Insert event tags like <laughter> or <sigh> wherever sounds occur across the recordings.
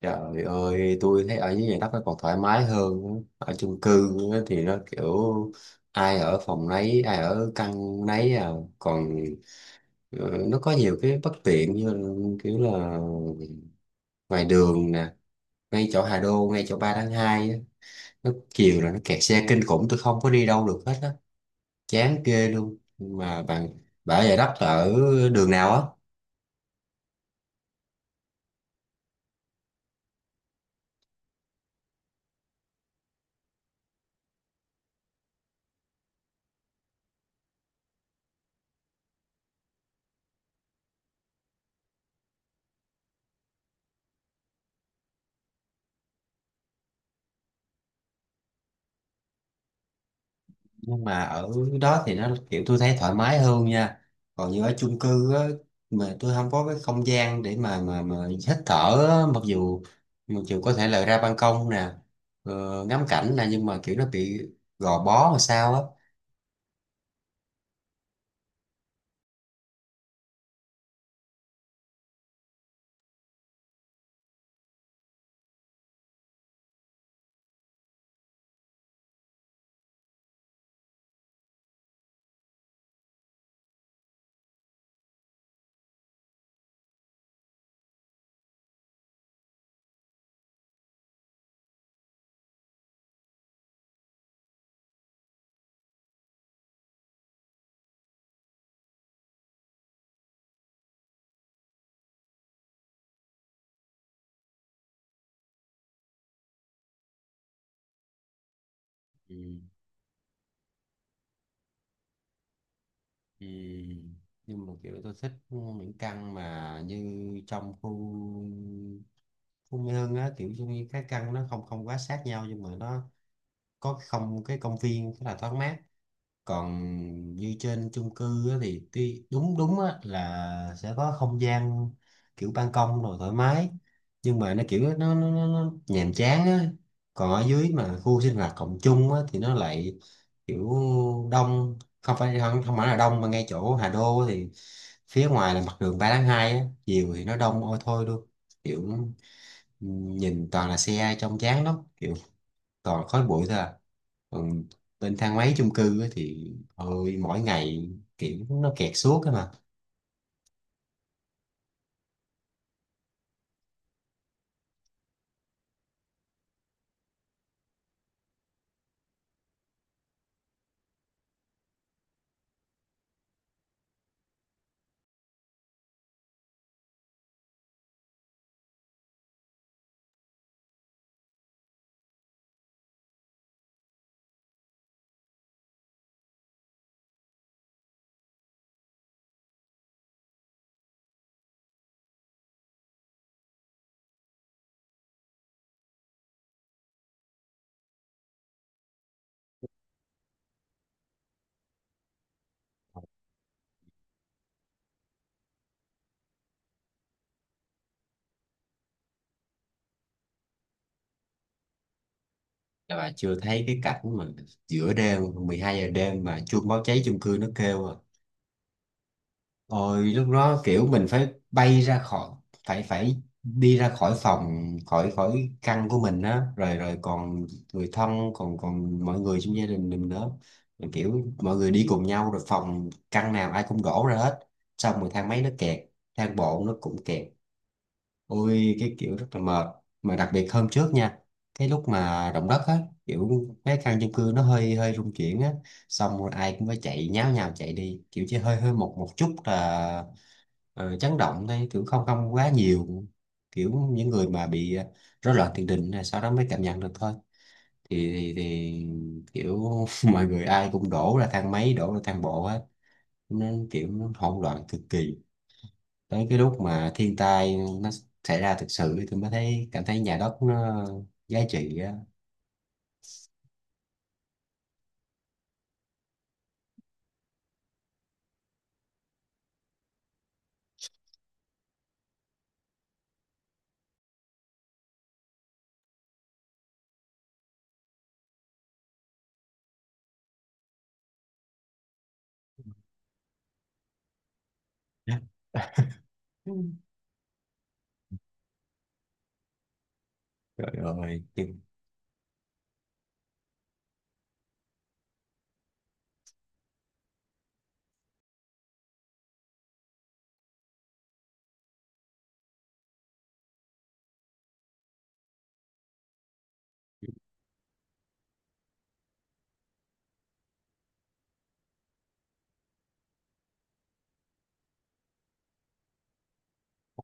Trời ơi, tôi thấy ở dưới nhà đất nó còn thoải mái hơn. Á. Ở chung cư á thì nó kiểu ai ở phòng nấy, ai ở căn nấy à. Còn nó có nhiều cái bất tiện như là, kiểu là ngoài đường nè, ngay chỗ Hà Đô, ngay chỗ 3 tháng 2 á. Nó chiều là nó kẹt xe kinh khủng, tôi không có đi đâu được hết á. Chán ghê luôn. Nhưng mà bạn ở nhà đất là ở đường nào á? Nhưng mà ở đó thì nó kiểu tôi thấy thoải mái hơn nha. Còn như ở chung cư á mà tôi không có cái không gian để mà hít thở á, mặc dù có thể là ra ban công nè, ngắm cảnh nè nhưng mà kiểu nó bị gò bó mà sao á. Ừ. Ừ. Nhưng mà kiểu tôi thích những căn mà như trong khu khu Mỹ Hưng á, kiểu như cái căn nó không không quá sát nhau nhưng mà nó có không cái công viên rất là thoáng mát. Còn như trên chung cư á, thì tuy đúng đúng á, là sẽ có không gian kiểu ban công rồi thoải mái, nhưng mà nó kiểu nó nhàm chán á. Còn ở dưới mà khu sinh hoạt cộng chung á, thì nó lại kiểu đông, không phải không, không phải là đông, mà ngay chỗ Hà Đô á thì phía ngoài là mặt đường 3 tháng 2 á, chiều thì nó đông ôi thôi luôn, kiểu nhìn toàn là xe trông chán lắm, kiểu toàn khói bụi thôi à. Còn bên thang máy chung cư á thì ôi mỗi ngày kiểu nó kẹt suốt á mà. Các bà chưa thấy cái cảnh mà giữa đêm 12 giờ đêm mà chuông báo cháy chung cư nó kêu à. Ôi lúc đó kiểu mình phải bay ra khỏi, phải phải đi ra khỏi phòng, khỏi khỏi căn của mình á, rồi rồi còn người thân, còn còn mọi người trong gia đình mình nữa. Rồi kiểu mọi người đi cùng nhau rồi phòng căn nào ai cũng đổ ra hết, xong rồi thang máy nó kẹt, thang bộ nó cũng kẹt. Ôi cái kiểu rất là mệt, mà đặc biệt hôm trước nha, cái lúc mà động đất á, kiểu mấy căn chung cư nó hơi hơi rung chuyển á. Xong rồi ai cũng phải chạy nháo nhào chạy đi, kiểu chỉ hơi hơi một một chút là chấn động thôi, kiểu không không quá nhiều, kiểu những người mà bị rối loạn tiền đình là sau đó mới cảm nhận được thôi. Thì kiểu <laughs> mọi người ai cũng đổ ra thang máy, đổ ra thang bộ á, nên kiểu hỗn loạn cực kỳ. Tới cái lúc mà thiên tai nó xảy ra thực sự tôi mới thấy, cảm thấy nhà đất nó giá trị á. Ừ. Trời ơi. Nhưng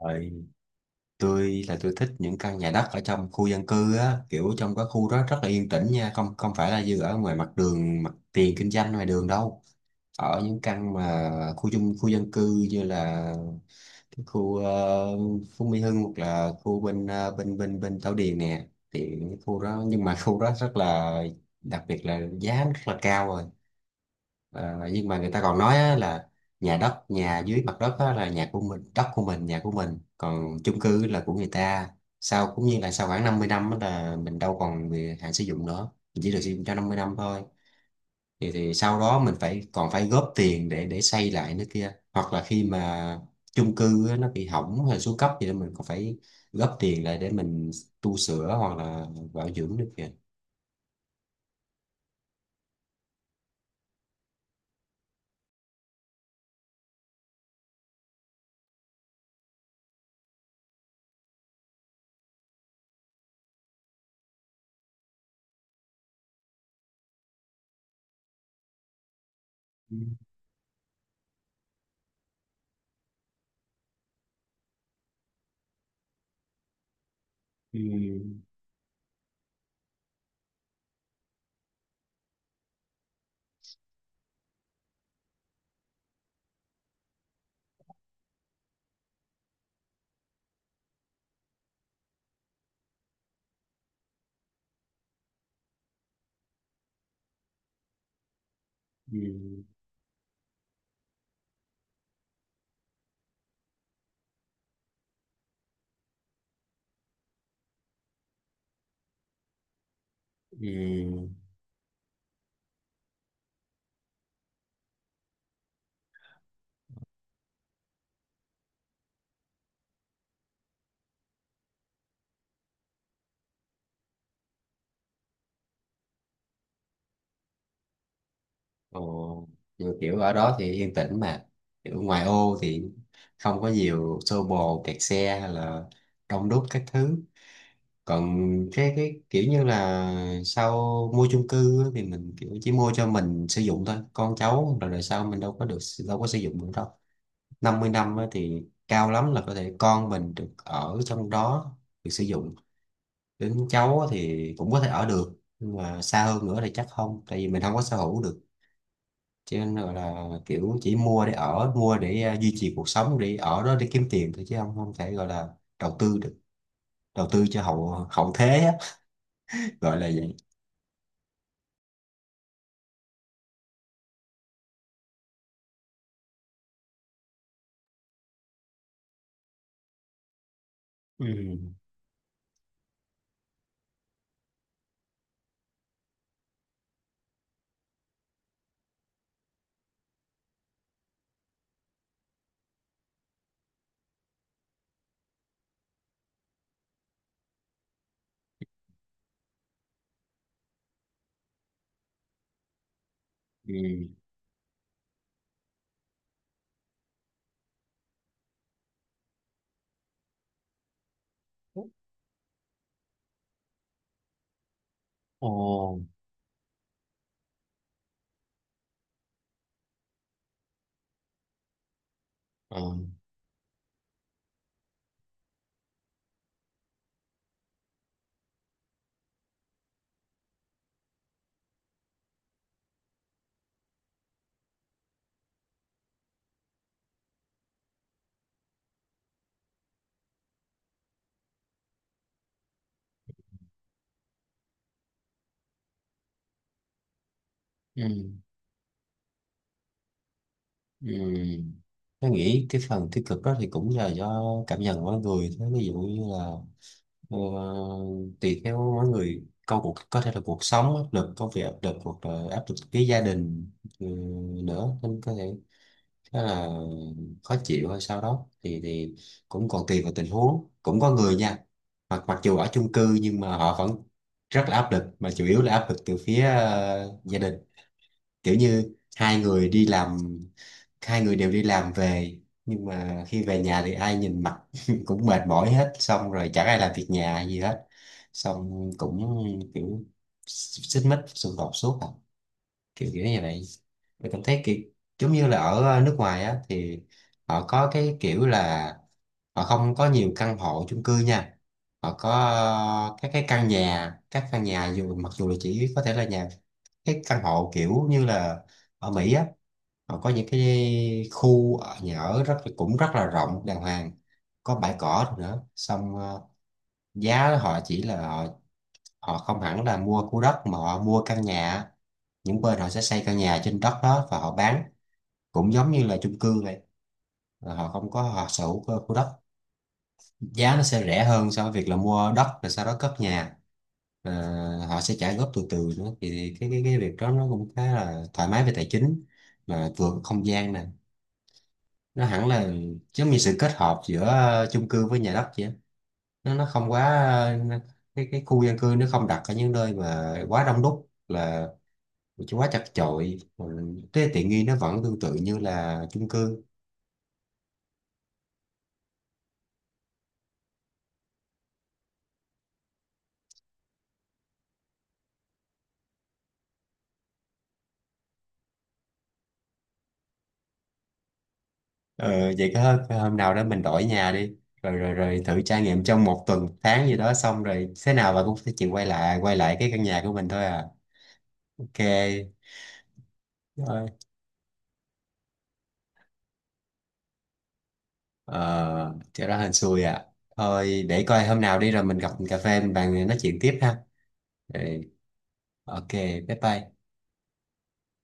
rồi tôi là tôi thích những căn nhà đất ở trong khu dân cư á, kiểu trong cái khu đó rất là yên tĩnh nha, không không phải là như ở ngoài mặt đường mặt tiền kinh doanh ngoài đường đâu. Ở những căn mà khu dân cư như là cái khu Phú Mỹ Hưng hoặc là khu bên bên Thảo Điền nè, thì cái khu đó, nhưng mà khu đó rất là, đặc biệt là giá rất là cao rồi. Ờ, nhưng mà người ta còn nói á, là nhà đất, nhà dưới mặt đất á, là nhà của mình, đất của mình, nhà của mình, còn chung cư là của người ta. Sau cũng như là sau khoảng 50 năm á là mình đâu còn bị hạn sử dụng nữa, mình chỉ được sử dụng cho 50 năm thôi, thì sau đó mình phải còn phải góp tiền để xây lại nữa kia, hoặc là khi mà chung cư á, nó bị hỏng hay xuống cấp gì đó mình còn phải góp tiền lại để mình tu sửa hoặc là bảo dưỡng nữa kìa. Ừ. Ừ. Ừ. Ừ. Ồ. Rồi kiểu ở đó thì yên tĩnh mà, kiểu ngoài ô thì không có nhiều xô bồ, kẹt xe hay là đông đúc các thứ. Còn cái kiểu như là sau mua chung cư á, thì mình kiểu chỉ mua cho mình sử dụng thôi, con cháu rồi đời sau mình đâu có được, đâu có sử dụng được đâu. 50 năm á, thì cao lắm là có thể con mình được ở trong đó, được sử dụng, đến cháu á thì cũng có thể ở được, nhưng mà xa hơn nữa thì chắc không, tại vì mình không có sở hữu được, cho nên gọi là kiểu chỉ mua để ở, mua để duy trì cuộc sống, để ở đó để kiếm tiền thôi chứ không không thể gọi là đầu tư được, đầu tư cho hậu hậu thế á, <laughs> gọi là vậy. Ừ. Ừ. Ồ. Ờ. Ừ. Ừ. Tôi nghĩ cái phần tích cực đó thì cũng là do cảm nhận của mỗi người thôi, ví dụ như là ờ, tùy theo mỗi người, cuộc có thể là cuộc sống áp lực, công việc áp lực, hoặc là áp lực với gia đình, ừ, nữa, nên có thể khá là khó chịu hay sau đó thì cũng còn tùy vào tình huống, cũng có người nha, mặc mặc dù ở chung cư nhưng mà họ vẫn rất là áp lực, mà chủ yếu là áp lực từ phía gia đình. Kiểu như hai người đều đi làm về, nhưng mà khi về nhà thì ai nhìn mặt <laughs> cũng mệt mỏi hết, xong rồi chẳng ai làm việc nhà gì hết, xong cũng kiểu xích mích xung đột suốt à, kiểu kiểu như vậy. Mình cảm thấy kiểu giống như là ở nước ngoài á thì họ có cái kiểu là họ không có nhiều căn hộ chung cư nha. Họ có các căn nhà, mặc dù là chỉ có thể là nhà, cái căn hộ kiểu như là ở Mỹ á, họ có những cái nhà ở rất, cũng rất là rộng đàng hoàng, có bãi cỏ nữa, xong giá họ chỉ là họ, không hẳn là mua khu đất mà họ mua căn nhà, những bên họ sẽ xây căn nhà trên đất đó và họ bán, cũng giống như là chung cư vậy, là họ không có, họ sở hữu cơ khu đất, giá nó sẽ rẻ hơn so với việc là mua đất rồi sau đó cất nhà. Ờ, họ sẽ trả góp từ từ nữa, thì cái việc đó nó cũng khá là thoải mái về tài chính mà vừa có không gian nè, nó hẳn là giống như sự kết hợp giữa chung cư với nhà đất vậy á, nó không quá ờ, cái khu dân cư nó không đặt ở những nơi mà quá đông đúc, là chứ quá chật chội. Ừ, cái tiện nghi nó vẫn tương tự như là chung cư. Ờ, vậy cái hôm nào đó mình đổi nhà đi, rồi rồi rồi thử trải nghiệm trong một tuần, tháng gì đó, xong rồi thế nào bà cũng sẽ chịu quay lại cái căn nhà của mình thôi à. Ok rồi. Ờ thì đó hên xui à. Thôi để coi hôm nào đi rồi mình gặp cà phê mình bàn nói chuyện tiếp ha. Ừ, ok, bye bye.